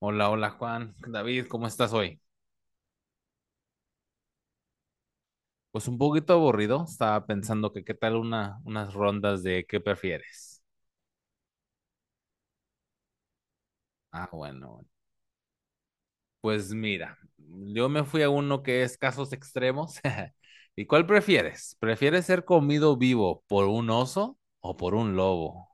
Hola, hola Juan, David, ¿cómo estás hoy? Pues un poquito aburrido, estaba pensando que qué tal unas rondas de qué prefieres. Ah, bueno, pues mira, yo me fui a uno que es casos extremos. ¿Y cuál prefieres? ¿Prefieres ser comido vivo por un oso o por un lobo?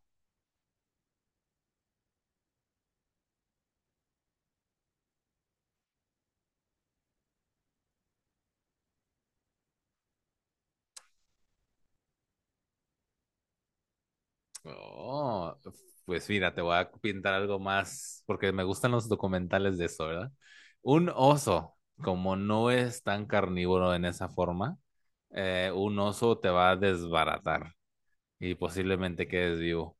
Oh, pues mira, te voy a pintar algo más, porque me gustan los documentales de eso, ¿verdad? Un oso, como no es tan carnívoro en esa forma, un oso te va a desbaratar y posiblemente quedes vivo.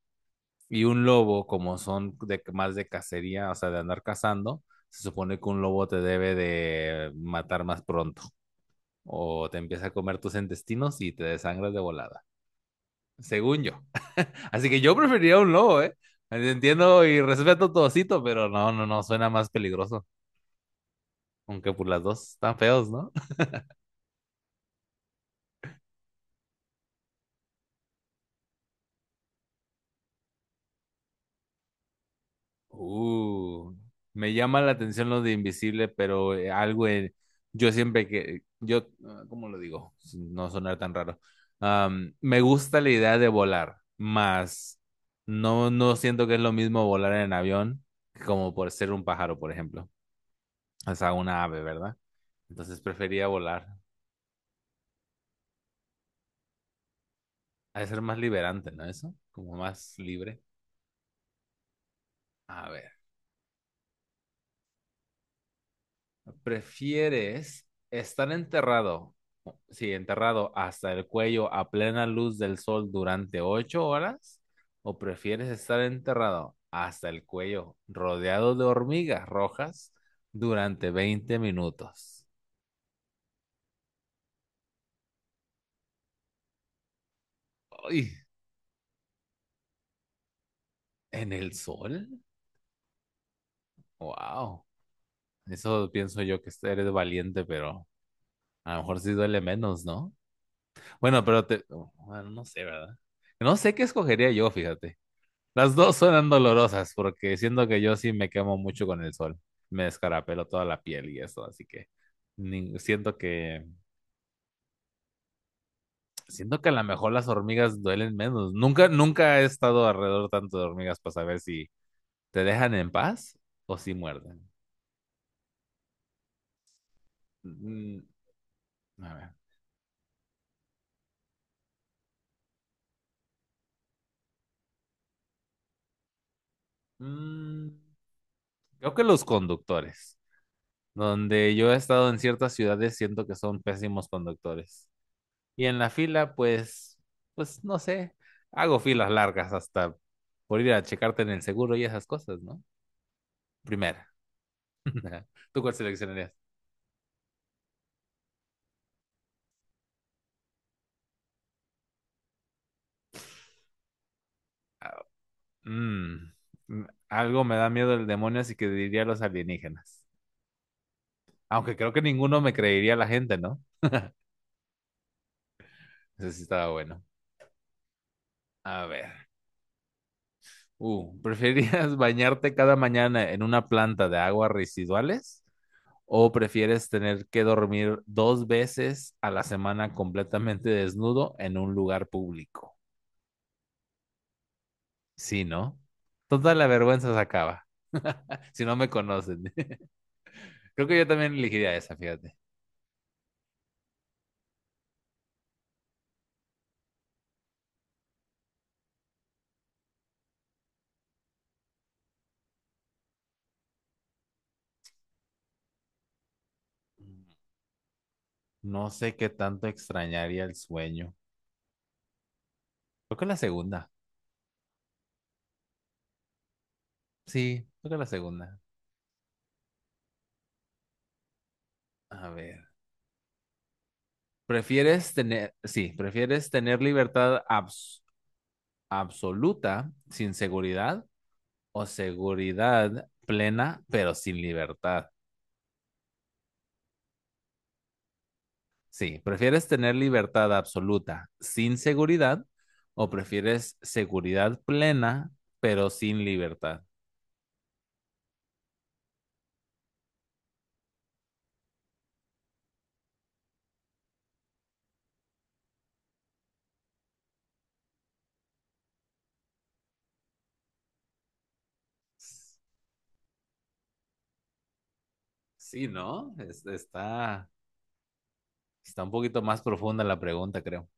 Y un lobo, como son de, más de cacería, o sea, de andar cazando, se supone que un lobo te debe de matar más pronto o te empieza a comer tus intestinos y te desangras de volada según yo. Así que yo preferiría un lobo, ¿eh? Entiendo y respeto todocito pero no, no, no, suena más peligroso. Aunque por las dos están feos, ¿no? Uh, me llama la atención lo de invisible, pero yo siempre que, yo, ah, ¿cómo lo digo? Sin No sonar tan raro. Me gusta la idea de volar, más no, no siento que es lo mismo volar en avión como por ser un pájaro, por ejemplo. O sea, una ave, ¿verdad? Entonces prefería volar. Ha de ser más liberante, ¿no? Eso, como más libre. A ver, ¿prefieres estar enterrado, sí, enterrado hasta el cuello a plena luz del sol durante 8 horas? ¿O prefieres estar enterrado hasta el cuello rodeado de hormigas rojas durante 20 minutos? ¡Ay! ¿En el sol? ¡Wow! Eso pienso yo que este eres valiente, pero a lo mejor sí duele menos, ¿no? Bueno, pero te... oh, bueno, no sé, ¿verdad? No sé qué escogería yo, fíjate. Las dos suenan dolorosas porque siento que yo sí me quemo mucho con el sol. Me descarapelo toda la piel y eso, así que ni- siento que siento que a lo mejor las hormigas duelen menos. Nunca he estado alrededor tanto de hormigas para saber si te dejan en paz o si muerden. Mm, mm, a ver. Mm, creo que los conductores. Donde yo he estado en ciertas ciudades siento que son pésimos conductores. Y en la fila, pues, pues no sé, hago filas largas hasta por ir a checarte en el seguro y esas cosas, ¿no? Primera. ¿Tú cuál seleccionarías? Ah, mm, algo me da miedo el demonio, así que diría los alienígenas. Aunque creo que ninguno me creería la gente, ¿no? Eso sí estaba bueno. A ver. ¿Preferirías bañarte cada mañana en una planta de aguas residuales? ¿O prefieres tener que dormir 2 veces a la semana completamente desnudo en un lugar público? Sí, ¿no? Toda la vergüenza se acaba. Si no me conocen. Creo que yo también elegiría esa, fíjate. No sé qué tanto extrañaría el sueño. Creo que la segunda. Sí, creo que la segunda. A ver. ¿Prefieres tener, sí, prefieres tener absoluta sin seguridad o seguridad plena pero sin libertad? Sí, ¿prefieres tener libertad absoluta sin seguridad o prefieres seguridad plena pero sin libertad? Sí, ¿no? Está un poquito más profunda la pregunta, creo.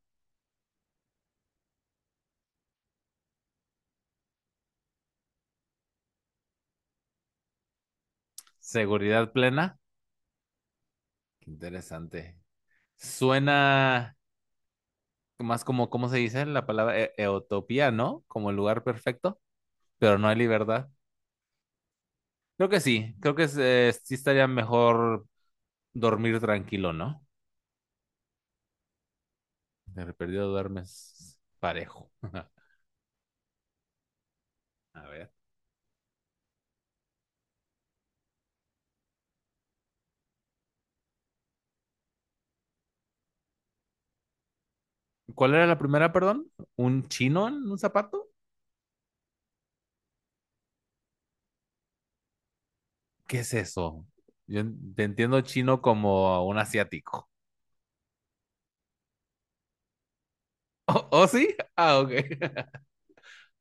¿Seguridad plena? Qué interesante. Suena más como, ¿cómo se dice la palabra? Eutopía, ¿no? Como el lugar perfecto, pero no hay libertad. Creo que sí, creo que es, sí estaría mejor dormir tranquilo, ¿no? De perdido duermes parejo. A ver. ¿Cuál era la primera, perdón? ¿Un chino en un zapato? ¿Qué es eso? Yo te entiendo chino como un asiático. ¿Oh, oh, sí? Ah, ok.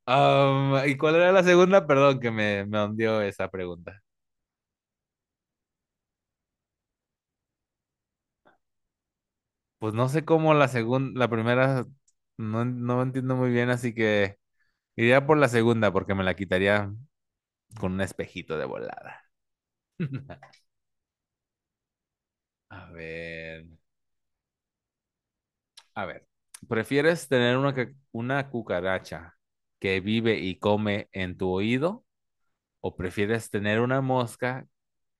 ¿Y cuál era la segunda? Perdón que me hundió esa pregunta. Pues no sé cómo la segunda, la primera, no, no entiendo muy bien, así que iría por la segunda porque me la quitaría con un espejito de volada. A ver. A ver, ¿prefieres tener una cucaracha que vive y come en tu oído o prefieres tener una mosca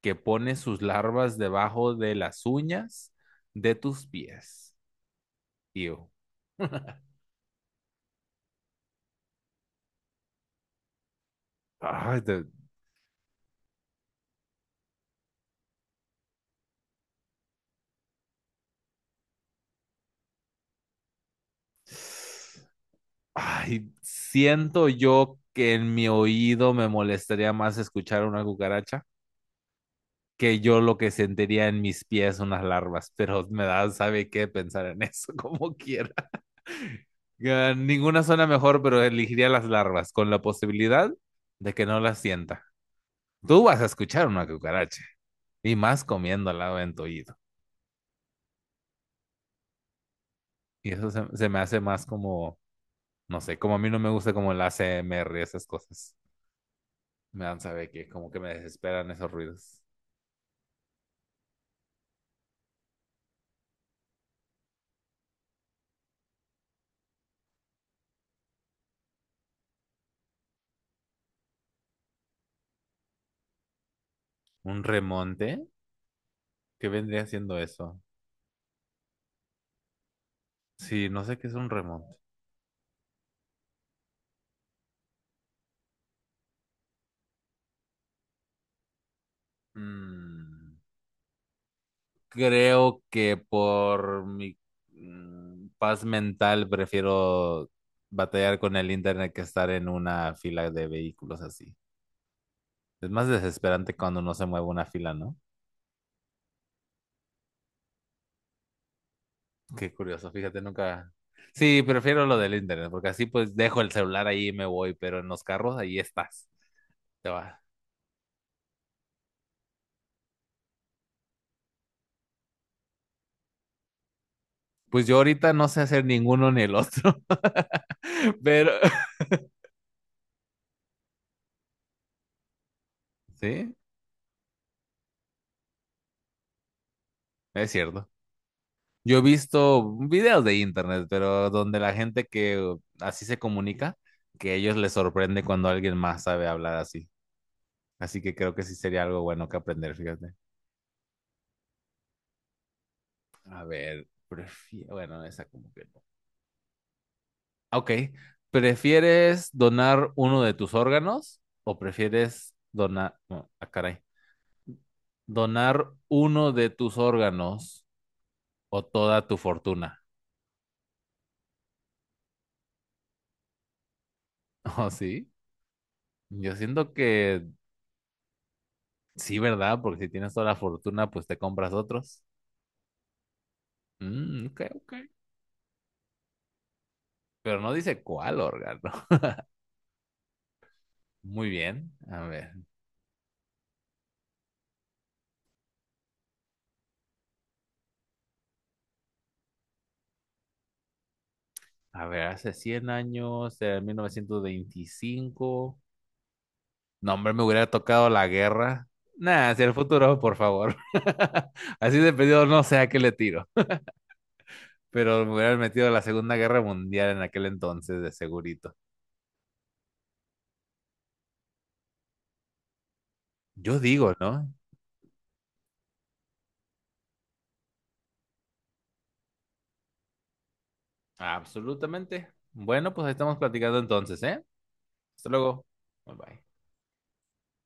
que pone sus larvas debajo de las uñas de tus pies? Ew. Ay, te... Ay, siento yo que en mi oído me molestaría más escuchar una cucaracha que yo lo que sentiría en mis pies unas larvas, pero me da, sabe qué pensar en eso como quiera. Ya, ninguna zona mejor, pero elegiría las larvas, con la posibilidad de que no las sienta. Tú vas a escuchar una cucaracha, y más comiendo al lado en tu oído. Y eso se me hace más como, no sé, como a mí no me gusta como el ASMR esas cosas. Me dan saber que como que me desesperan esos ruidos. ¿Un remonte? ¿Qué vendría siendo eso? Sí, no sé qué es un remonte. Mm. Creo que por mi paz mental prefiero batallar con el internet que estar en una fila de vehículos así. Es más desesperante cuando no se mueve una fila, ¿no? Qué curioso, fíjate, nunca... Sí, prefiero lo del internet, porque así pues dejo el celular ahí y me voy, pero en los carros ahí estás. Te va. Pues yo ahorita no sé hacer ninguno ni el otro, pero sí, es cierto. Yo he visto videos de internet, pero donde la gente que así se comunica, que a ellos les sorprende cuando alguien más sabe hablar así. Así que creo que sí sería algo bueno que aprender, fíjate. A ver, prefiero, bueno, esa como que no. Ok, ¿prefieres donar uno de tus órganos o prefieres donar, no, ah, caray, donar uno de tus órganos o toda tu fortuna? ¿Oh, sí? Yo siento que... Sí, ¿verdad? Porque si tienes toda la fortuna, pues te compras otros. Mm, ok, ok. Pero no dice cuál órgano. Muy bien. A ver. A ver, hace 100 años, en 1925. No, hombre, me hubiera tocado la guerra. Nada, hacia el futuro, por favor. Así de pedido, no sé a qué le tiro. Pero me hubieran metido a la Segunda Guerra Mundial en aquel entonces, de segurito. Yo digo, ¿no? Absolutamente. Bueno, pues ahí estamos platicando entonces, ¿eh? Hasta luego. Bye bye.